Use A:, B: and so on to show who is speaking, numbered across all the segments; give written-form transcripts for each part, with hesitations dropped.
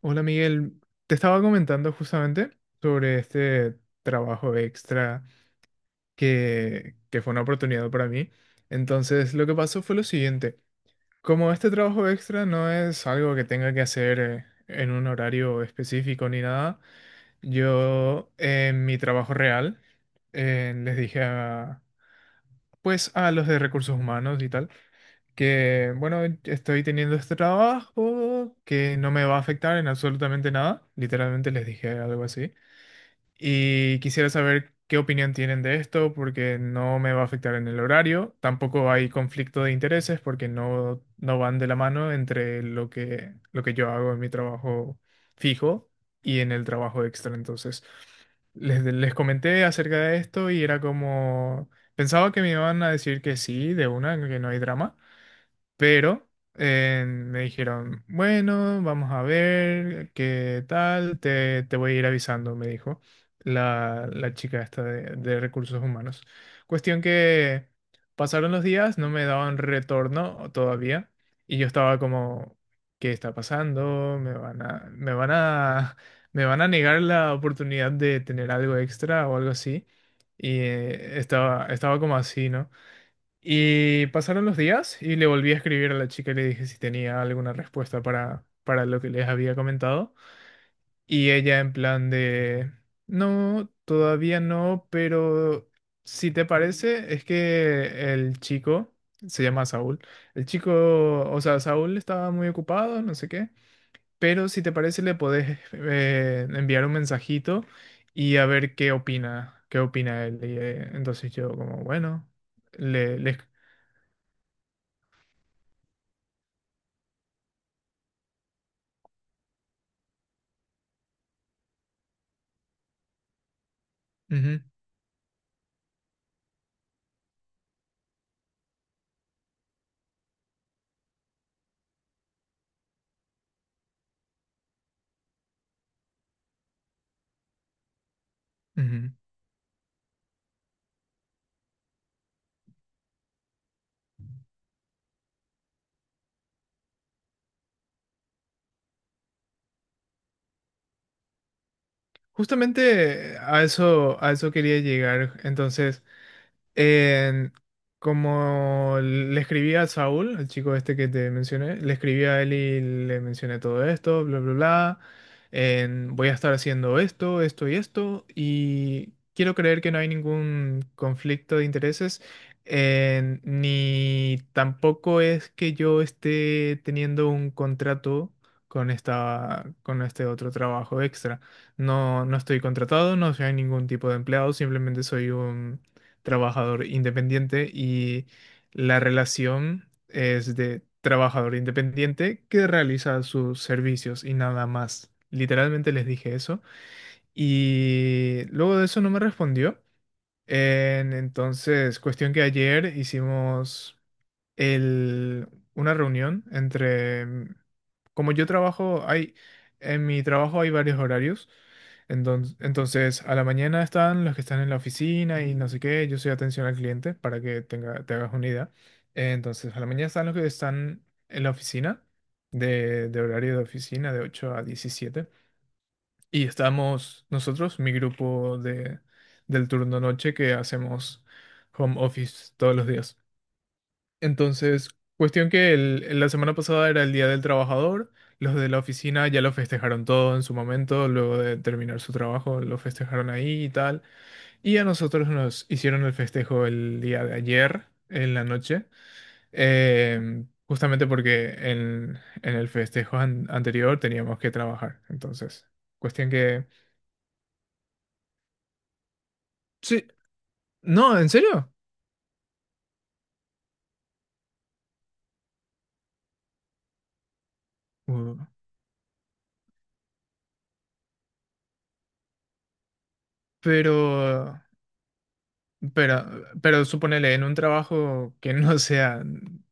A: Hola Miguel, te estaba comentando justamente sobre este trabajo extra que fue una oportunidad para mí. Entonces, lo que pasó fue lo siguiente. Como este trabajo extra no es algo que tenga que hacer en un horario específico ni nada, yo en mi trabajo real les dije pues a los de recursos humanos y tal, que bueno, estoy teniendo este trabajo que no me va a afectar en absolutamente nada, literalmente les dije algo así. Y quisiera saber qué opinión tienen de esto, porque no me va a afectar en el horario. Tampoco hay conflicto de intereses, porque no van de la mano entre lo que yo hago en mi trabajo fijo y en el trabajo extra. Entonces, les comenté acerca de esto y era como, pensaba que me iban a decir que sí, de una, que no hay drama. Pero me dijeron, bueno, vamos a ver qué tal, te voy a ir avisando, me dijo la chica esta de recursos humanos. Cuestión que pasaron los días, no me daban retorno todavía y yo estaba como, ¿qué está pasando? ¿Me van a negar la oportunidad de tener algo extra o algo así? Y estaba como así, ¿no? Y pasaron los días y le volví a escribir a la chica y le dije si tenía alguna respuesta para lo que les había comentado. Y ella en plan de, no, todavía no, pero si te parece, es que el chico, se llama Saúl, el chico, o sea, Saúl estaba muy ocupado, no sé qué, pero si te parece le podés enviar un mensajito y a ver qué opina él. Y, entonces yo como, bueno, le... le Ujú. Ujú. Justamente a eso quería llegar. Entonces, Eh, como le escribí a Saúl, el chico este que te mencioné, le escribí a él y le mencioné todo esto, bla, bla, bla. Voy a estar haciendo esto, esto y esto, y quiero creer que no hay ningún conflicto de intereses, ni tampoco es que yo esté teniendo un contrato con esta, con este otro trabajo extra. No, no estoy contratado, no soy ningún tipo de empleado, simplemente soy un trabajador independiente y la relación es de trabajador independiente que realiza sus servicios y nada más. Literalmente les dije eso y luego de eso no me respondió. Entonces, cuestión que ayer hicimos el- una reunión entre, como yo trabajo, en mi trabajo hay varios horarios. Entonces, a la mañana están los que están en la oficina y no sé qué, yo soy atención al cliente para que tenga, te hagas una idea. Entonces, a la mañana están los que están en la oficina, de horario de oficina de 8 a 17 y estamos nosotros, mi grupo de, del turno noche, que hacemos home office todos los días. Entonces, cuestión que la semana pasada era el Día del Trabajador, los de la oficina ya lo festejaron todo en su momento, luego de terminar su trabajo lo festejaron ahí y tal. Y a nosotros nos hicieron el festejo el día de ayer, en la noche, justamente porque en el festejo anterior teníamos que trabajar. Entonces, cuestión que... Sí, no, ¿en serio? Uh, Pero, pero, pero suponele en un trabajo que no sea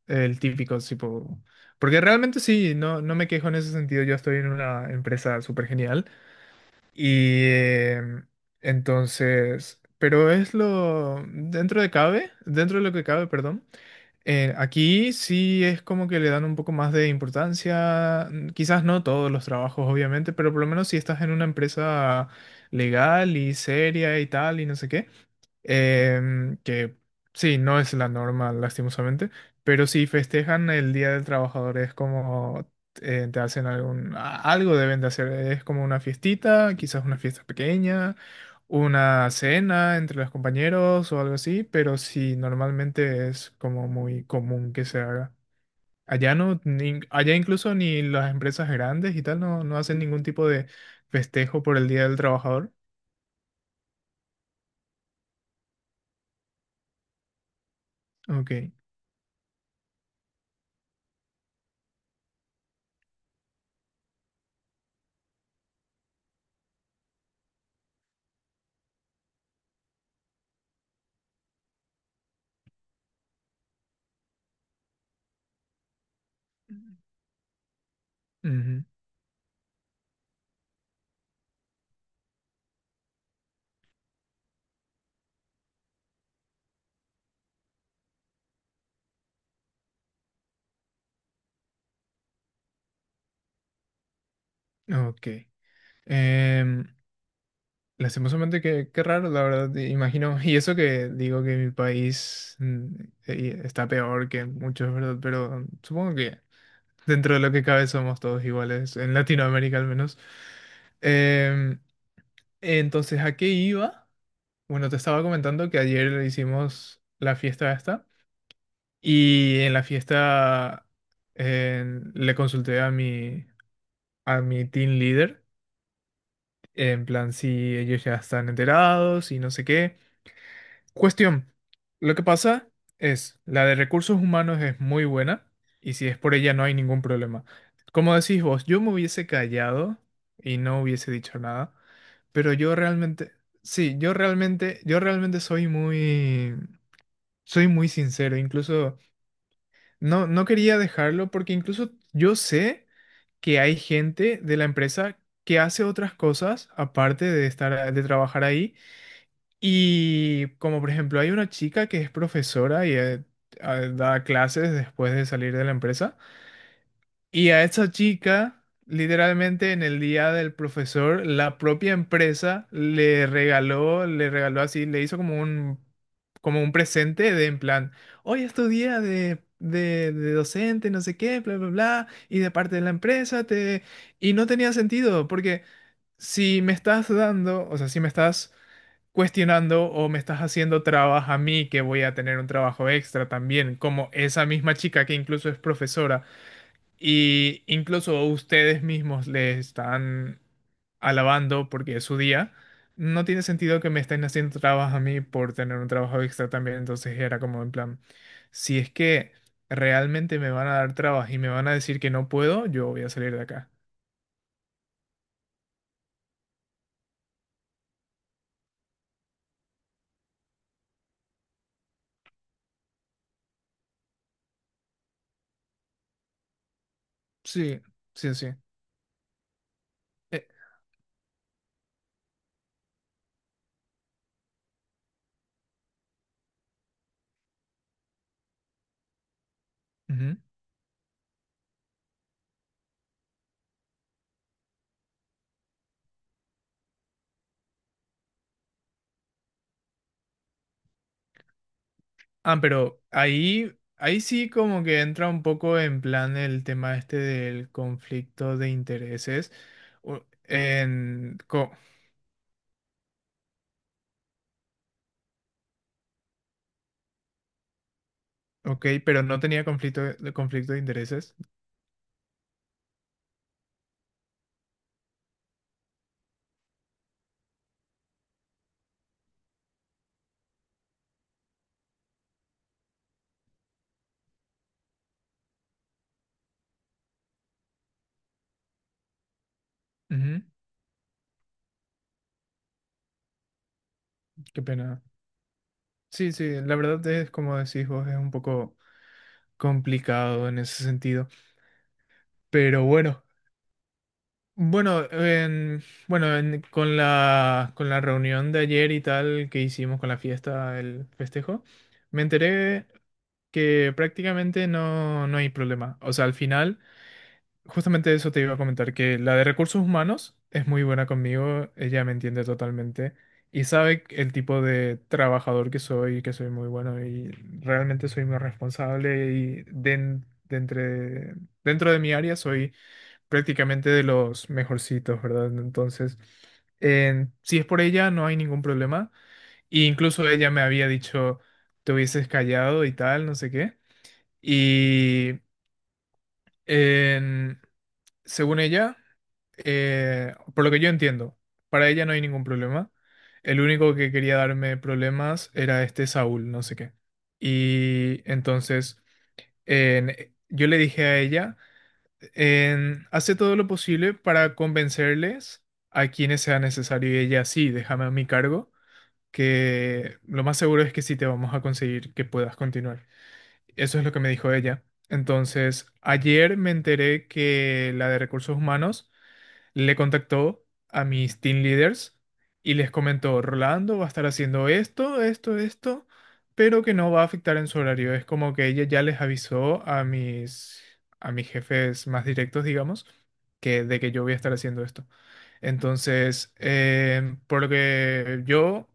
A: el típico, tipo, porque realmente sí, no, no me quejo en ese sentido. Yo estoy en una empresa súper genial y entonces, pero es lo dentro de cabe, dentro de lo que cabe, perdón. Aquí sí es como que le dan un poco más de importancia, quizás no todos los trabajos, obviamente, pero por lo menos si estás en una empresa legal y seria y tal y no sé qué. Que sí, no es la norma, lastimosamente, pero si festejan el Día del Trabajador, es como te hacen algo deben de hacer, es como una fiestita, quizás una fiesta pequeña, una cena entre los compañeros o algo así, pero sí, normalmente es como muy común que se haga. Allá no, allá incluso ni las empresas grandes y tal no hacen ningún tipo de festejo por el Día del Trabajador. Ok. Ujú. Ok. Em, Lastimosamente, qué raro, la verdad, imagino. Y eso que digo que mi país está peor que muchos, ¿verdad? Pero supongo que dentro de lo que cabe somos todos iguales, en Latinoamérica al menos. Em, entonces, ¿a qué iba? Bueno, te estaba comentando que ayer le hicimos la fiesta esta y en la fiesta le consulté a mi team leader en plan si ellos ya están enterados y no sé qué. Cuestión. Lo que pasa es, la de recursos humanos es muy buena y si es por ella no hay ningún problema. Como decís vos, yo me hubiese callado y no hubiese dicho nada, pero sí, yo realmente soy muy sincero. Incluso no quería dejarlo porque incluso yo sé que hay gente de la empresa que hace otras cosas aparte de estar, de trabajar ahí y como por ejemplo hay una chica que es profesora y ah, da clases después de salir de la empresa. Y a esa chica, literalmente en el día del profesor, la propia empresa le regaló así, le hizo como un presente de en plan, hoy es tu día de docente, no sé qué, bla, bla, bla, y de parte de la empresa te... Y no tenía sentido, porque si me estás dando, o sea, si me estás cuestionando o me estás haciendo trabas a mí que voy a tener un trabajo extra también, como esa misma chica que incluso es profesora y incluso ustedes mismos le están alabando porque es su día. No tiene sentido que me estén haciendo trabas a mí por tener un trabajo extra también, entonces era como en plan, si es que realmente me van a dar trabas y me van a decir que no puedo, yo voy a salir de acá. Sí, sí, sí. Eh, ujú. Ah, pero ahí sí como que entra un poco en plan el tema este del conflicto de intereses. U- En, co- ok, pero no tenía conflicto, conflicto de intereses. Ujú. Qué pena. Sí, sí, la verdad es como decís vos, es un poco complicado en ese sentido. Pero bueno, bueno, bueno, con la reunión de ayer y tal que hicimos con la fiesta, el festejo, me enteré que prácticamente no hay problema. O sea, al final, justamente eso te iba a comentar, que la de recursos humanos es muy buena conmigo, ella me entiende totalmente y sabe el tipo de trabajador que soy muy bueno y realmente soy muy responsable y dentro de mi área soy prácticamente de los mejorcitos, ¿verdad? Entonces, si es por ella, no hay ningún problema. E incluso ella me había dicho, te hubieses callado y tal, no sé qué. Y en- según ella, por lo que yo entiendo, para ella no hay ningún problema. El único que quería darme problemas era este Saúl, no sé qué. Y entonces en- yo le dije a ella, hace todo lo posible para convencerles a quienes sea necesario. Y ella, sí, déjame a mi cargo, que lo más seguro es que sí te vamos a conseguir que puedas continuar. Eso es lo que me dijo ella. Entonces, ayer me enteré que la de recursos humanos le contactó a mis team leaders y les comentó, Rolando va a estar haciendo esto, esto, esto, pero que no va a afectar en su horario. Es como que ella ya les avisó a mis jefes más directos, digamos, que de que yo voy a estar haciendo esto. Entonces, por lo que yo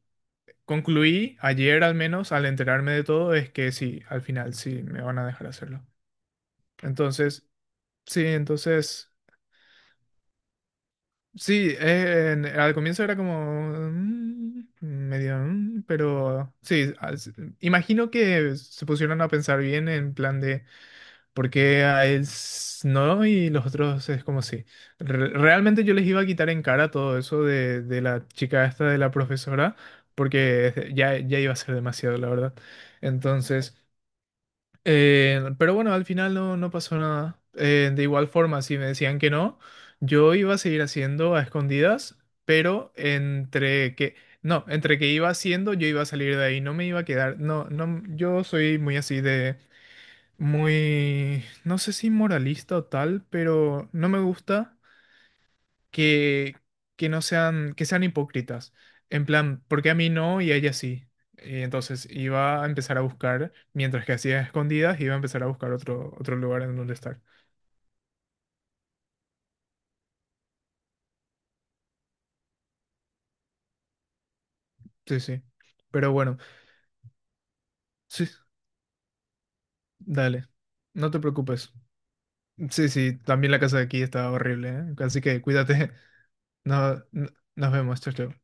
A: concluí ayer al menos al enterarme de todo es que sí, al final sí me van a dejar hacerlo. Entonces, sí, entonces, sí, al comienzo era como medio, pero sí, imagino que se pusieron a pensar bien en plan de por qué a él no y los otros es como sí. Realmente yo les iba a quitar en cara todo eso de la chica esta de la profesora porque ya, ya iba a ser demasiado, la verdad. Entonces... Pero bueno, al final no pasó nada. De igual forma, si me decían que no, yo iba a seguir haciendo a escondidas, pero entre que, no, entre que iba haciendo, yo iba a salir de ahí, no me iba a quedar, no, no, yo soy muy así de, muy, no sé si moralista o tal, pero no me gusta que, que no sean, que sean hipócritas. En plan, ¿por qué a mí no y a ella sí? Y entonces iba a empezar a buscar, mientras que hacía escondidas, iba a empezar a buscar otro lugar en donde estar. Sí, sí. Pero bueno, sí, dale. No te preocupes. Sí, sí, también la casa de aquí está horrible, ¿eh? Así que cuídate. No, nos vemos, chao, chao.